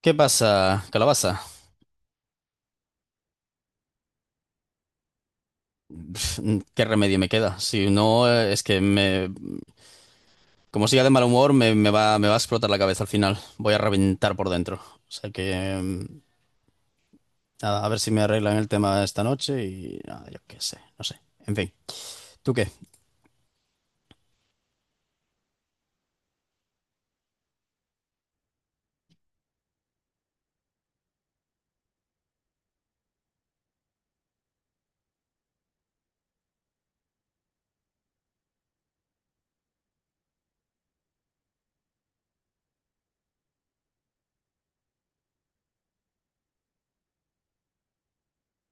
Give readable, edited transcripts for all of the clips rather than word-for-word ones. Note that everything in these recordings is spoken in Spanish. ¿Qué pasa, calabaza? Pf, ¿qué remedio me queda? Si no, es que me, como siga de mal humor, me va a explotar la cabeza al final. Voy a reventar por dentro. O sea que, nada, a ver si me arreglan el tema esta noche y nada, yo qué sé, no sé. En fin, ¿tú qué?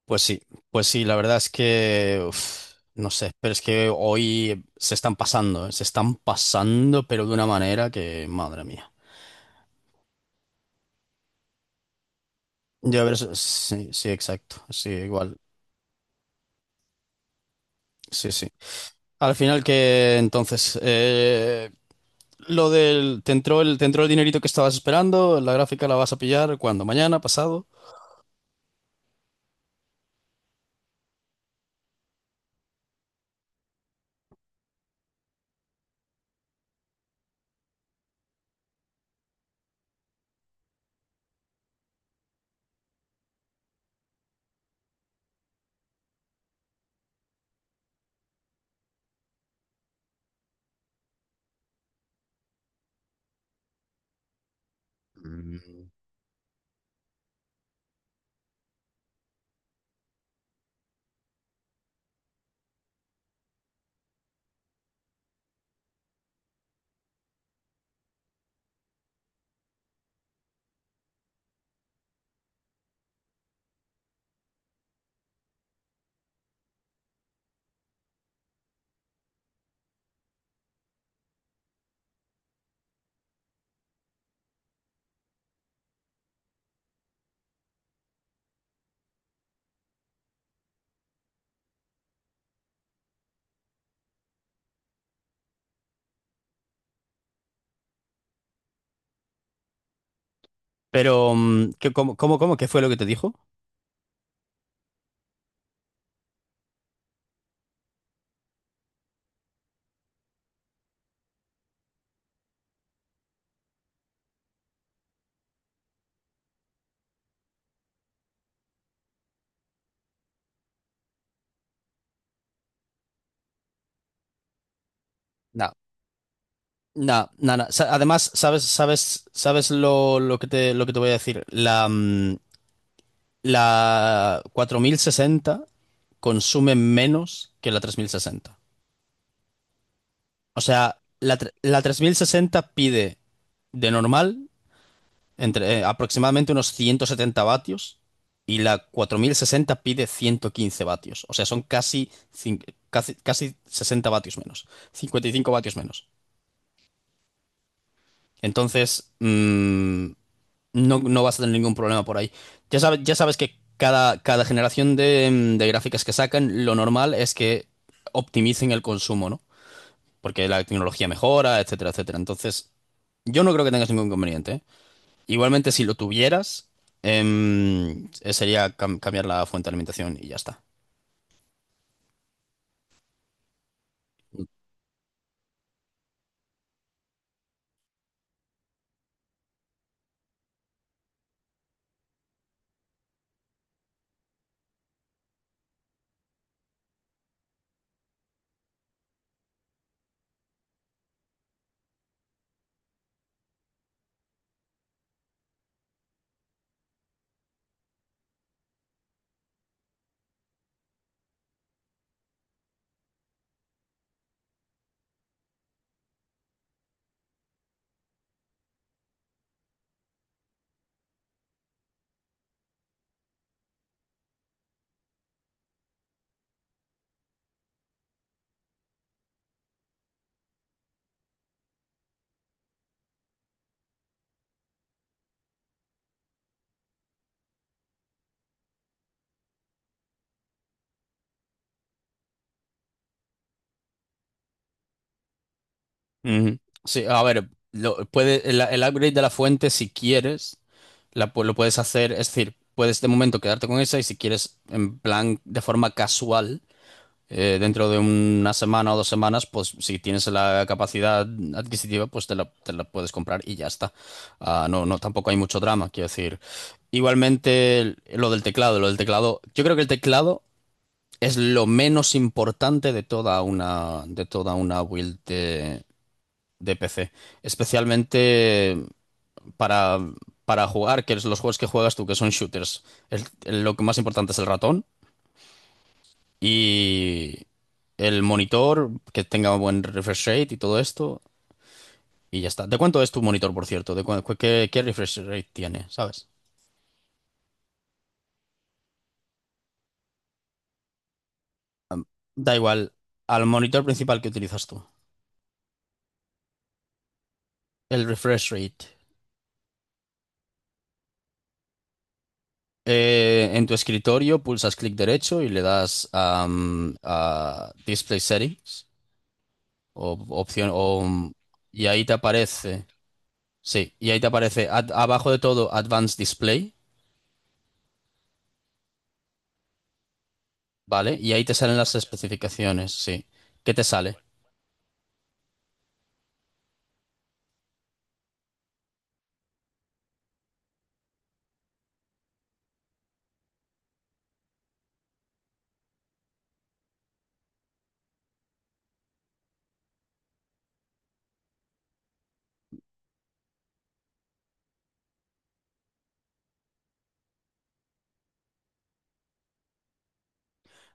Pues sí, pues sí, la verdad es que, uf, no sé, pero es que hoy se están pasando, pero de una manera que, madre mía. Yo a ver, sí, sí, exacto, sí, igual, sí, sí. Al final que entonces lo del te entró el dinerito que estabas esperando, la gráfica la vas a pillar cuando, mañana, pasado. Mm. Pero ¿cómo, cómo, cómo? ¿Qué fue lo que te dijo? No, no, no, no. Además, sabes lo que te voy a decir. La 4060 consume menos que la tres mil sesenta. O sea, la 3060 pide de normal entre aproximadamente unos 170 vatios, y la 4060 pide 115 vatios. O sea, son casi, casi 60 vatios menos, 55 vatios menos. Entonces, no, no vas a tener ningún problema por ahí. Ya sabes que cada generación de, de gráficas que sacan, lo normal es que optimicen el consumo, ¿no? Porque la tecnología mejora, etcétera, etcétera. Entonces, yo no creo que tengas ningún inconveniente, ¿eh? Igualmente, si lo tuvieras, sería cambiar la fuente de alimentación y ya está. Ujú. Sí, a ver, el upgrade de la fuente, si quieres, lo puedes hacer, es decir, puedes de momento quedarte con esa y si quieres, en plan, de forma casual, dentro de una semana o dos semanas, pues si tienes la capacidad adquisitiva, pues te la puedes comprar y ya está. Ah, no, no, tampoco hay mucho drama, quiero decir. Igualmente, lo del teclado, yo creo que el teclado es lo menos importante de de toda una build de PC. Especialmente para, para jugar, que es los juegos que juegas tú, que son shooters. Lo que más importante es el ratón y el monitor, que tenga buen refresh rate y todo esto. Y ya está. ¿De cuánto es tu monitor, por cierto? ¿De qué, qué refresh rate tiene? ¿Sabes? Da igual, al monitor principal que utilizas tú. El refresh rate. En tu escritorio pulsas clic derecho y le das a Display Settings o opción o, mm, y ahí te aparece, sí, y ahí te aparece abajo de todo Advanced Display, ¿vale? Y ahí te salen las especificaciones, sí. ¿Qué te sale?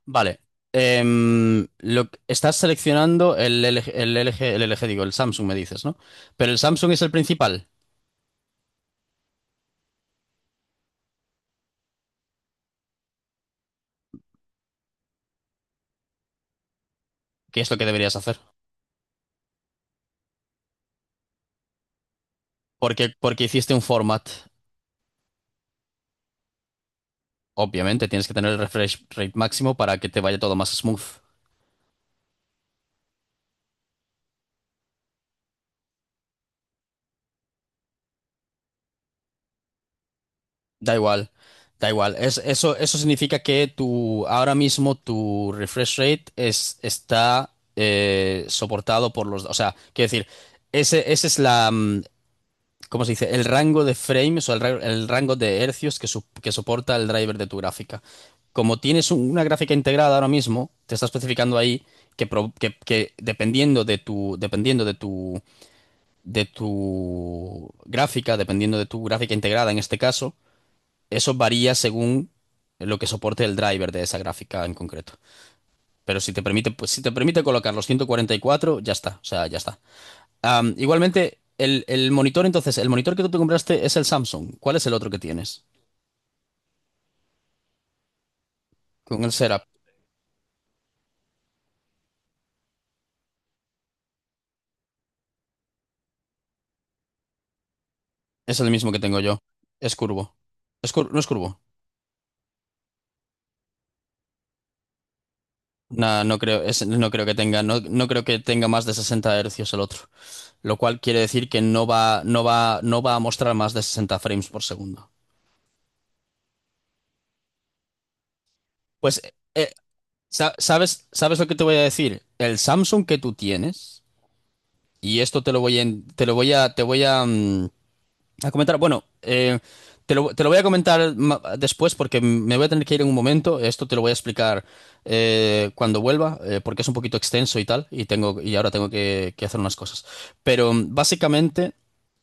Vale. Em, estás seleccionando el el LG, digo, el Samsung me dices, ¿no? Pero el Samsung es el principal, que es lo que deberías hacer, porque hiciste un format. Obviamente, tienes que tener el refresh rate máximo para que te vaya todo más smooth. Da igual, da igual. Es, eso significa que tu, ahora mismo tu refresh rate es, está soportado por los. O sea, quiero decir, ese es la. Mm, ¿cómo se dice? El rango de frames o el rango de hercios que, que soporta el driver de tu gráfica. Como tienes una gráfica integrada ahora mismo, te está especificando ahí que, que dependiendo de tu, de tu gráfica, dependiendo de tu gráfica integrada en este caso, eso varía según lo que soporte el driver de esa gráfica en concreto. Pero si te permite, pues, si te permite colocar los 144, ya está, o sea, ya está. Am, igualmente, el monitor, entonces, el monitor que tú te compraste es el Samsung. ¿Cuál es el otro que tienes? Con el setup. Es el mismo que tengo yo. Es curvo. No es curvo. No, no creo, no creo que tenga, no, no creo que tenga más de 60 hercios el otro. Lo cual quiere decir que no va a mostrar más de 60 frames por segundo. Pues, eh, ¿sabes, sabes lo que te voy a decir? El Samsung que tú tienes, y esto te lo voy a, te voy a, mm, a comentar. Bueno, te lo voy a comentar después porque me voy a tener que ir en un momento. Esto te lo voy a explicar cuando vuelva, porque es un poquito extenso y tal, y tengo, y ahora tengo que hacer unas cosas. Pero básicamente,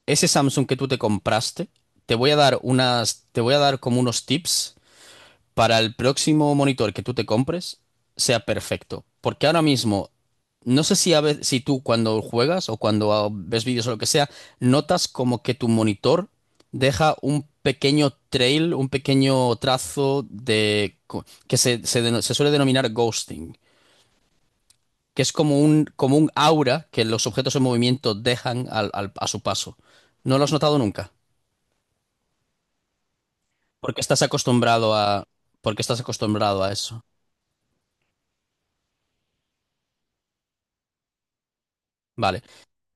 ese Samsung que tú te compraste, te voy a dar te voy a dar como unos tips para el próximo monitor que tú te compres sea perfecto. Porque ahora mismo, no sé si, si tú cuando juegas o cuando ves vídeos o lo que sea, notas como que tu monitor deja un pequeño trail, un pequeño trazo de que se suele denominar ghosting, que es como un aura que los objetos en movimiento dejan a su paso. ¿No lo has notado nunca? Porque estás acostumbrado a, porque estás acostumbrado a eso. Vale.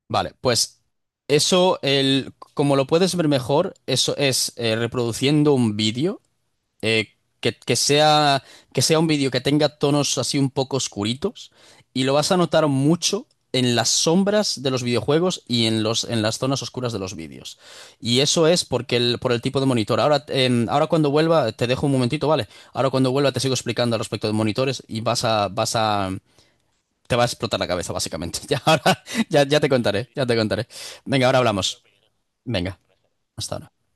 Vale, pues eso, el, como lo puedes ver mejor, eso es reproduciendo un vídeo eh, que, que sea, que sea un vídeo que tenga tonos así un poco oscuritos y lo vas a notar mucho en las sombras de los videojuegos y en en las zonas oscuras de los vídeos. Y eso es porque el, por el tipo de monitor. Ahora, em, ahora cuando vuelva, te dejo un momentito, ¿vale? Ahora cuando vuelva te sigo explicando al respecto de monitores y vas a, te va a explotar la cabeza, básicamente. Ya, ahora, ya, ya te contaré, ya te contaré. Venga, ahora hablamos. Venga, hasta ahora.